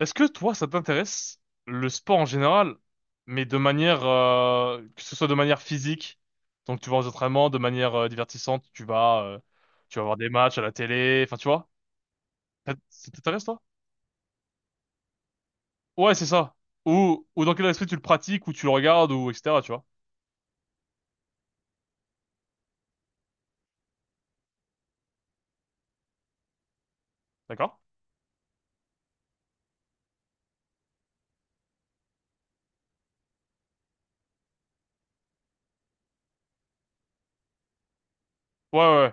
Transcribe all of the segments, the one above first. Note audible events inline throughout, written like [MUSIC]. Est-ce que toi, ça t'intéresse le sport en général, mais de manière que ce soit de manière physique, donc tu vas aux entraînements, de manière divertissante, tu vas voir des matchs à la télé, enfin tu vois, ça ça t'intéresse toi? Ouais, c'est ça. Ou dans quel esprit tu le pratiques, ou tu le regardes, ou etc. Tu vois, d'accord? Ouais, ouais. Ouais.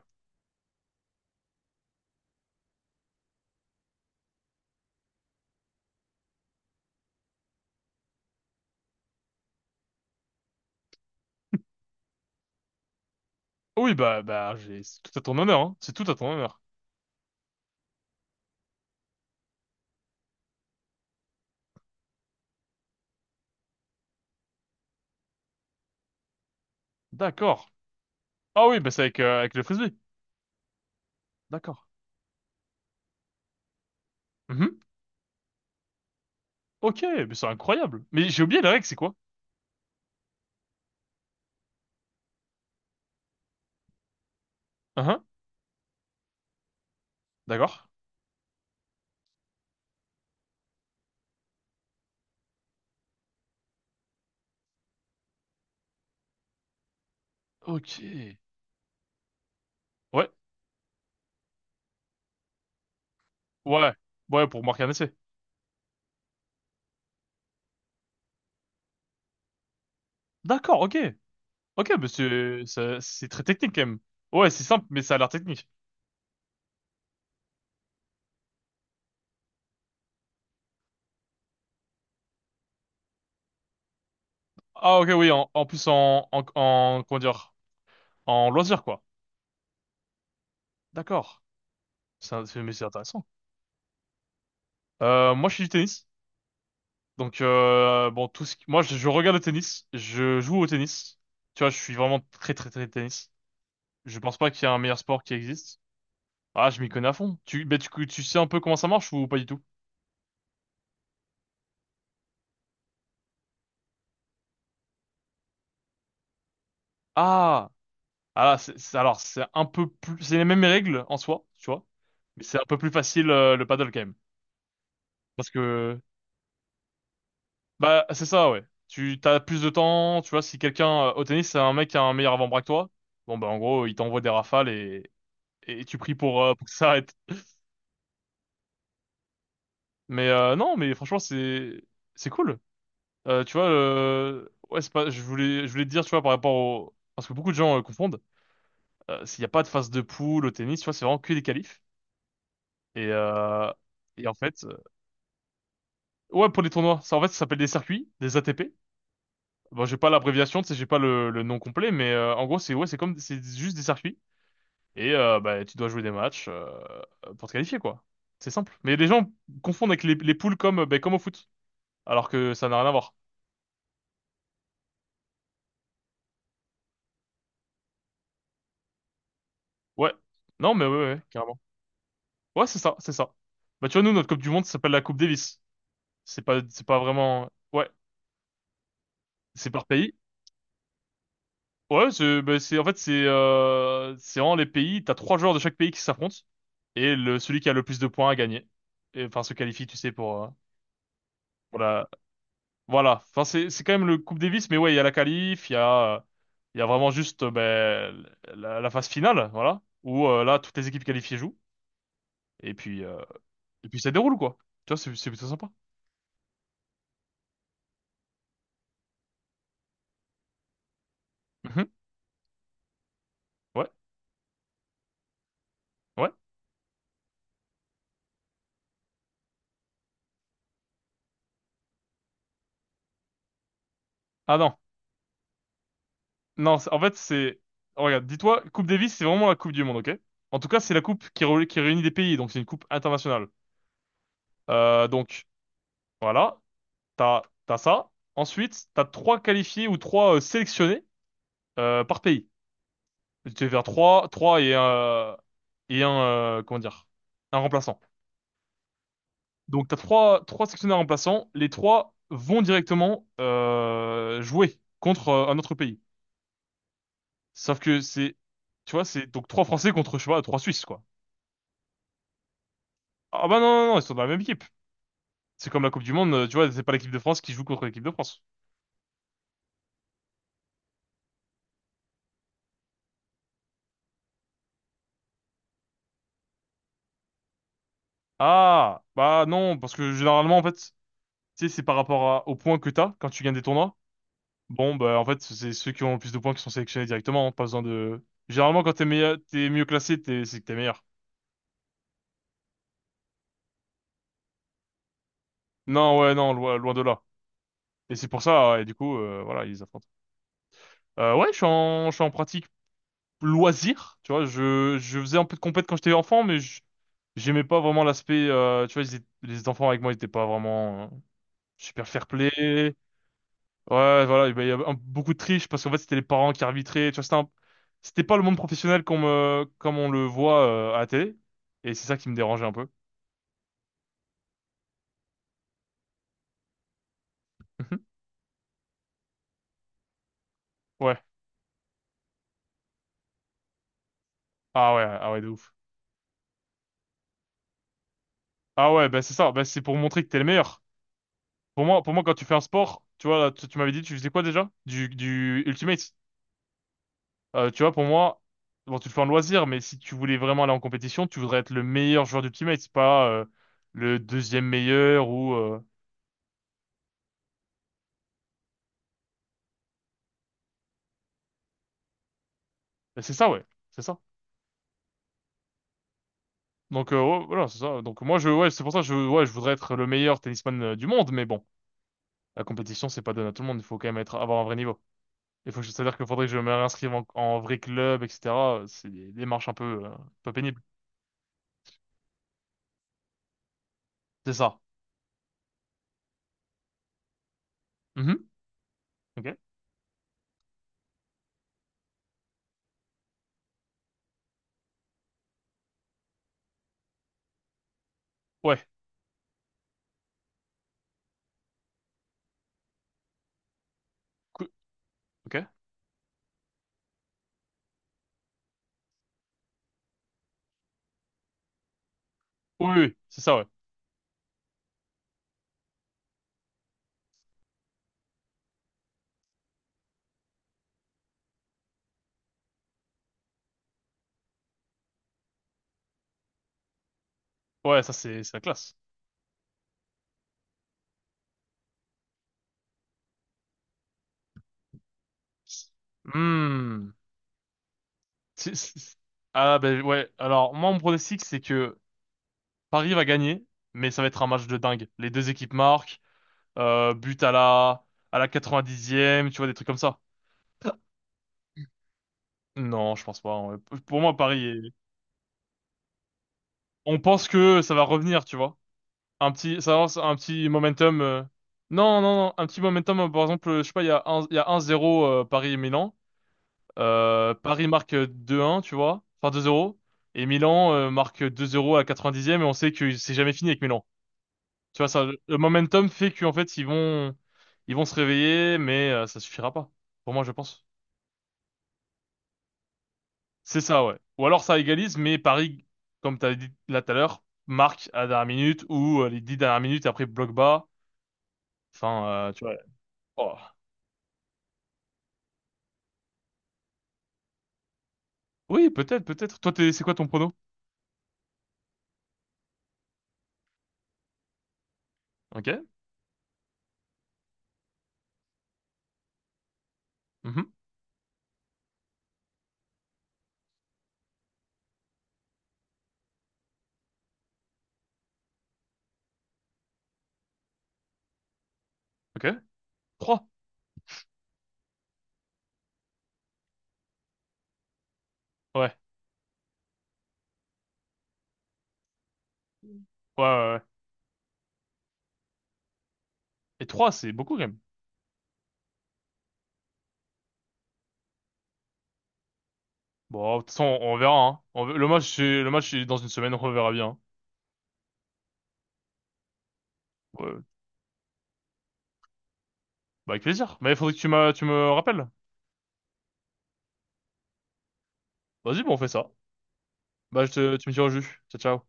Oui, bah j'ai c'est tout à ton honneur, hein. C'est tout à ton honneur. D'accord. Ah oui, bah c'est avec avec le frisbee. D'accord. Mhm. Ok, mais c'est incroyable. Mais j'ai oublié la règle, c'est quoi? Hein. D'accord. Ok. Ouais, ouais, ouais, pour m'organiser. D'accord, ok. Ok, mais c'est très technique quand même. Ouais, c'est simple, mais ça a l'air technique. Ah, ok, oui, en plus comment dire, en loisir, quoi. D'accord. Mais c'est intéressant. Moi, je suis du tennis. Donc, bon, moi, je regarde le tennis. Je joue au tennis. Tu vois, je suis vraiment très, très, très tennis. Je pense pas qu'il y ait un meilleur sport qui existe. Ah, je m'y connais à fond. Ben, tu sais un peu comment ça marche ou pas du tout? Ah, Ah là, alors, c'est un peu plus, c'est les mêmes règles en soi, tu vois, mais c'est un peu plus facile le paddle quand même. Parce que, bah, c'est ça, ouais. Tu t'as plus de temps, tu vois, si quelqu'un, au tennis, c'est un mec qui a un meilleur avant-bras que toi, bon, bah, en gros, il t'envoie des rafales et tu pries pour que ça s'arrête. Mais non, mais franchement, c'est cool. Tu vois, ouais, c'est pas, je voulais te dire, tu vois, parce que beaucoup de gens confondent, s'il n'y a pas de phase de poule au tennis, tu vois, c'est vraiment que des qualifs. Et, euh, et en fait, ouais, pour les tournois. Ça, en fait, ça s'appelle des circuits, des ATP. Bon, j'ai pas l'abréviation, tu sais, j'ai pas le nom complet, mais en gros, c'est ouais, c'est juste des circuits. Et bah, tu dois jouer des matchs pour te qualifier, quoi. C'est simple. Mais les gens confondent avec les poules ben, comme au foot, alors que ça n'a rien à voir. Ouais. Non, mais ouais, ouais, ouais, carrément. Ouais, c'est ça, c'est ça. Bah, tu vois, nous, notre Coupe du Monde ça s'appelle la Coupe Davis. C'est pas vraiment. Ouais, c'est par pays. Ouais, bah, en fait, c'est vraiment les pays. T'as trois joueurs de chaque pays qui s'affrontent. Et celui qui a le plus de points a gagné. Et, enfin, se qualifie, tu sais, pour la, voilà. Enfin, c'est quand même le Coupe Davis, mais ouais, il y a la qualif, il y a vraiment juste, ben, la phase finale, voilà. Où, là, toutes les équipes qualifiées jouent. Et puis, euh, et puis ça déroule, quoi. Tu vois, c'est plutôt sympa. Mhm. Ouais, ouais. Ah non. Non, en fait, oh, regarde, dis-toi, Coupe Davis, c'est vraiment la Coupe du Monde, ok? En tout cas, c'est la coupe qui réunit des pays, donc c'est une coupe internationale. Donc, voilà, t'as ça. Ensuite, t'as trois qualifiés ou trois sélectionnés par pays. Tu vas vers trois, trois et un... Et un... comment dire? Un remplaçant. Donc, t'as trois, trois sélectionnés remplaçants. Les trois vont directement jouer contre un autre pays. Sauf que c'est... Tu vois, c'est donc trois Français contre, je sais pas, trois Suisses, quoi. Ah bah non, non, non, ils sont dans la même équipe. C'est comme la Coupe du Monde, tu vois, c'est pas l'équipe de France qui joue contre l'équipe de France. Ah, bah non, parce que généralement, en fait, tu sais, c'est par rapport aux points que t'as quand tu gagnes des tournois. Bon, bah en fait, c'est ceux qui ont le plus de points qui sont sélectionnés directement, hein, pas besoin de... Généralement, quand t'es meilleur, t'es mieux classé, c'est que t'es meilleur. Non, ouais, non, loin, loin de là. Et c'est pour ça, et du coup, voilà, ils affrontent. Ouais, je suis en pratique. Loisir, tu vois, je faisais un peu de compète quand j'étais enfant, mais j'aimais pas vraiment l'aspect, tu vois, les enfants avec moi, ils étaient pas vraiment super fair-play. Ouais, voilà, et ben, il y avait beaucoup de triche parce qu'en fait, c'était les parents qui arbitraient, tu vois, c'était pas le monde professionnel comme on le voit à la télé, et c'est ça qui me dérangeait un peu. [LAUGHS] Ouais. Ah ouais, ah ouais, de ouf. Ah ouais, bah c'est ça, bah c'est pour montrer que t'es le meilleur. Pour moi, quand tu fais un sport, tu vois, là, tu m'avais dit, tu faisais quoi déjà? Du Ultimate. Tu vois, pour moi, bon, tu le fais en loisir, mais si tu voulais vraiment aller en compétition, tu voudrais être le meilleur joueur du teammate, c'est pas le deuxième meilleur ou. Bah, c'est ça, ouais, c'est ça. Donc ouais, voilà, c'est ça. Donc moi, ouais, c'est pour ça, que ouais, je voudrais être le meilleur tennisman du monde, mais bon, la compétition, c'est pas donné à tout le monde. Il faut quand même avoir un vrai niveau. Il faut, que je- C'est-à-dire qu'il faudrait que je me réinscrive en vrai club, etc. C'est des démarches un peu pénibles. C'est ça. Mhm. Ok. Ouais. Cou- Ok. Oui, oui, oui, c'est ça, ouais. Ouais, ça, c'est la classe. Hmm. C'est- c'est- Ah ben ouais, alors moi mon pronostic c'est que Paris va gagner, mais ça va être un match de dingue. Les deux équipes marquent, but à la 90e, tu vois, des trucs comme ça. Non, je pense pas. Hein. Pour moi, on pense que ça va revenir, tu vois. Ça lance un petit momentum. Non, non, non, un petit momentum. Par exemple, je sais pas, il y a un zéro Paris et Milan. Paris marque 2-1, tu vois. Enfin 2-0. Et Milan marque 2-0 à la 90e et on sait que c'est jamais fini avec Milan. Tu vois, ça, le momentum fait qu'en fait, ils vont se réveiller, mais ça suffira pas. Pour moi, je pense. C'est ça, ouais. Ou alors ça égalise, mais Paris, comme t'avais dit là tout à l'heure, marque à la dernière minute ou les 10 dernières minutes et après bloc bas. Enfin, tu vois. Oh. Oui, peut-être, peut-être. Toi, c'est quoi ton prono? Ok. Mhm. Ok. Trois. Ouais. Ouais, ouais, ouais. Et trois, c'est beaucoup quand même. Bon, de toute façon, on verra, hein. Le match, c'est dans une semaine, on verra bien. Ouais. Bah, avec plaisir. Mais il faudrait que tu me rappelles. Vas-y, bon, on fait ça. Bah, tu me tiens au jus. Ciao, ciao.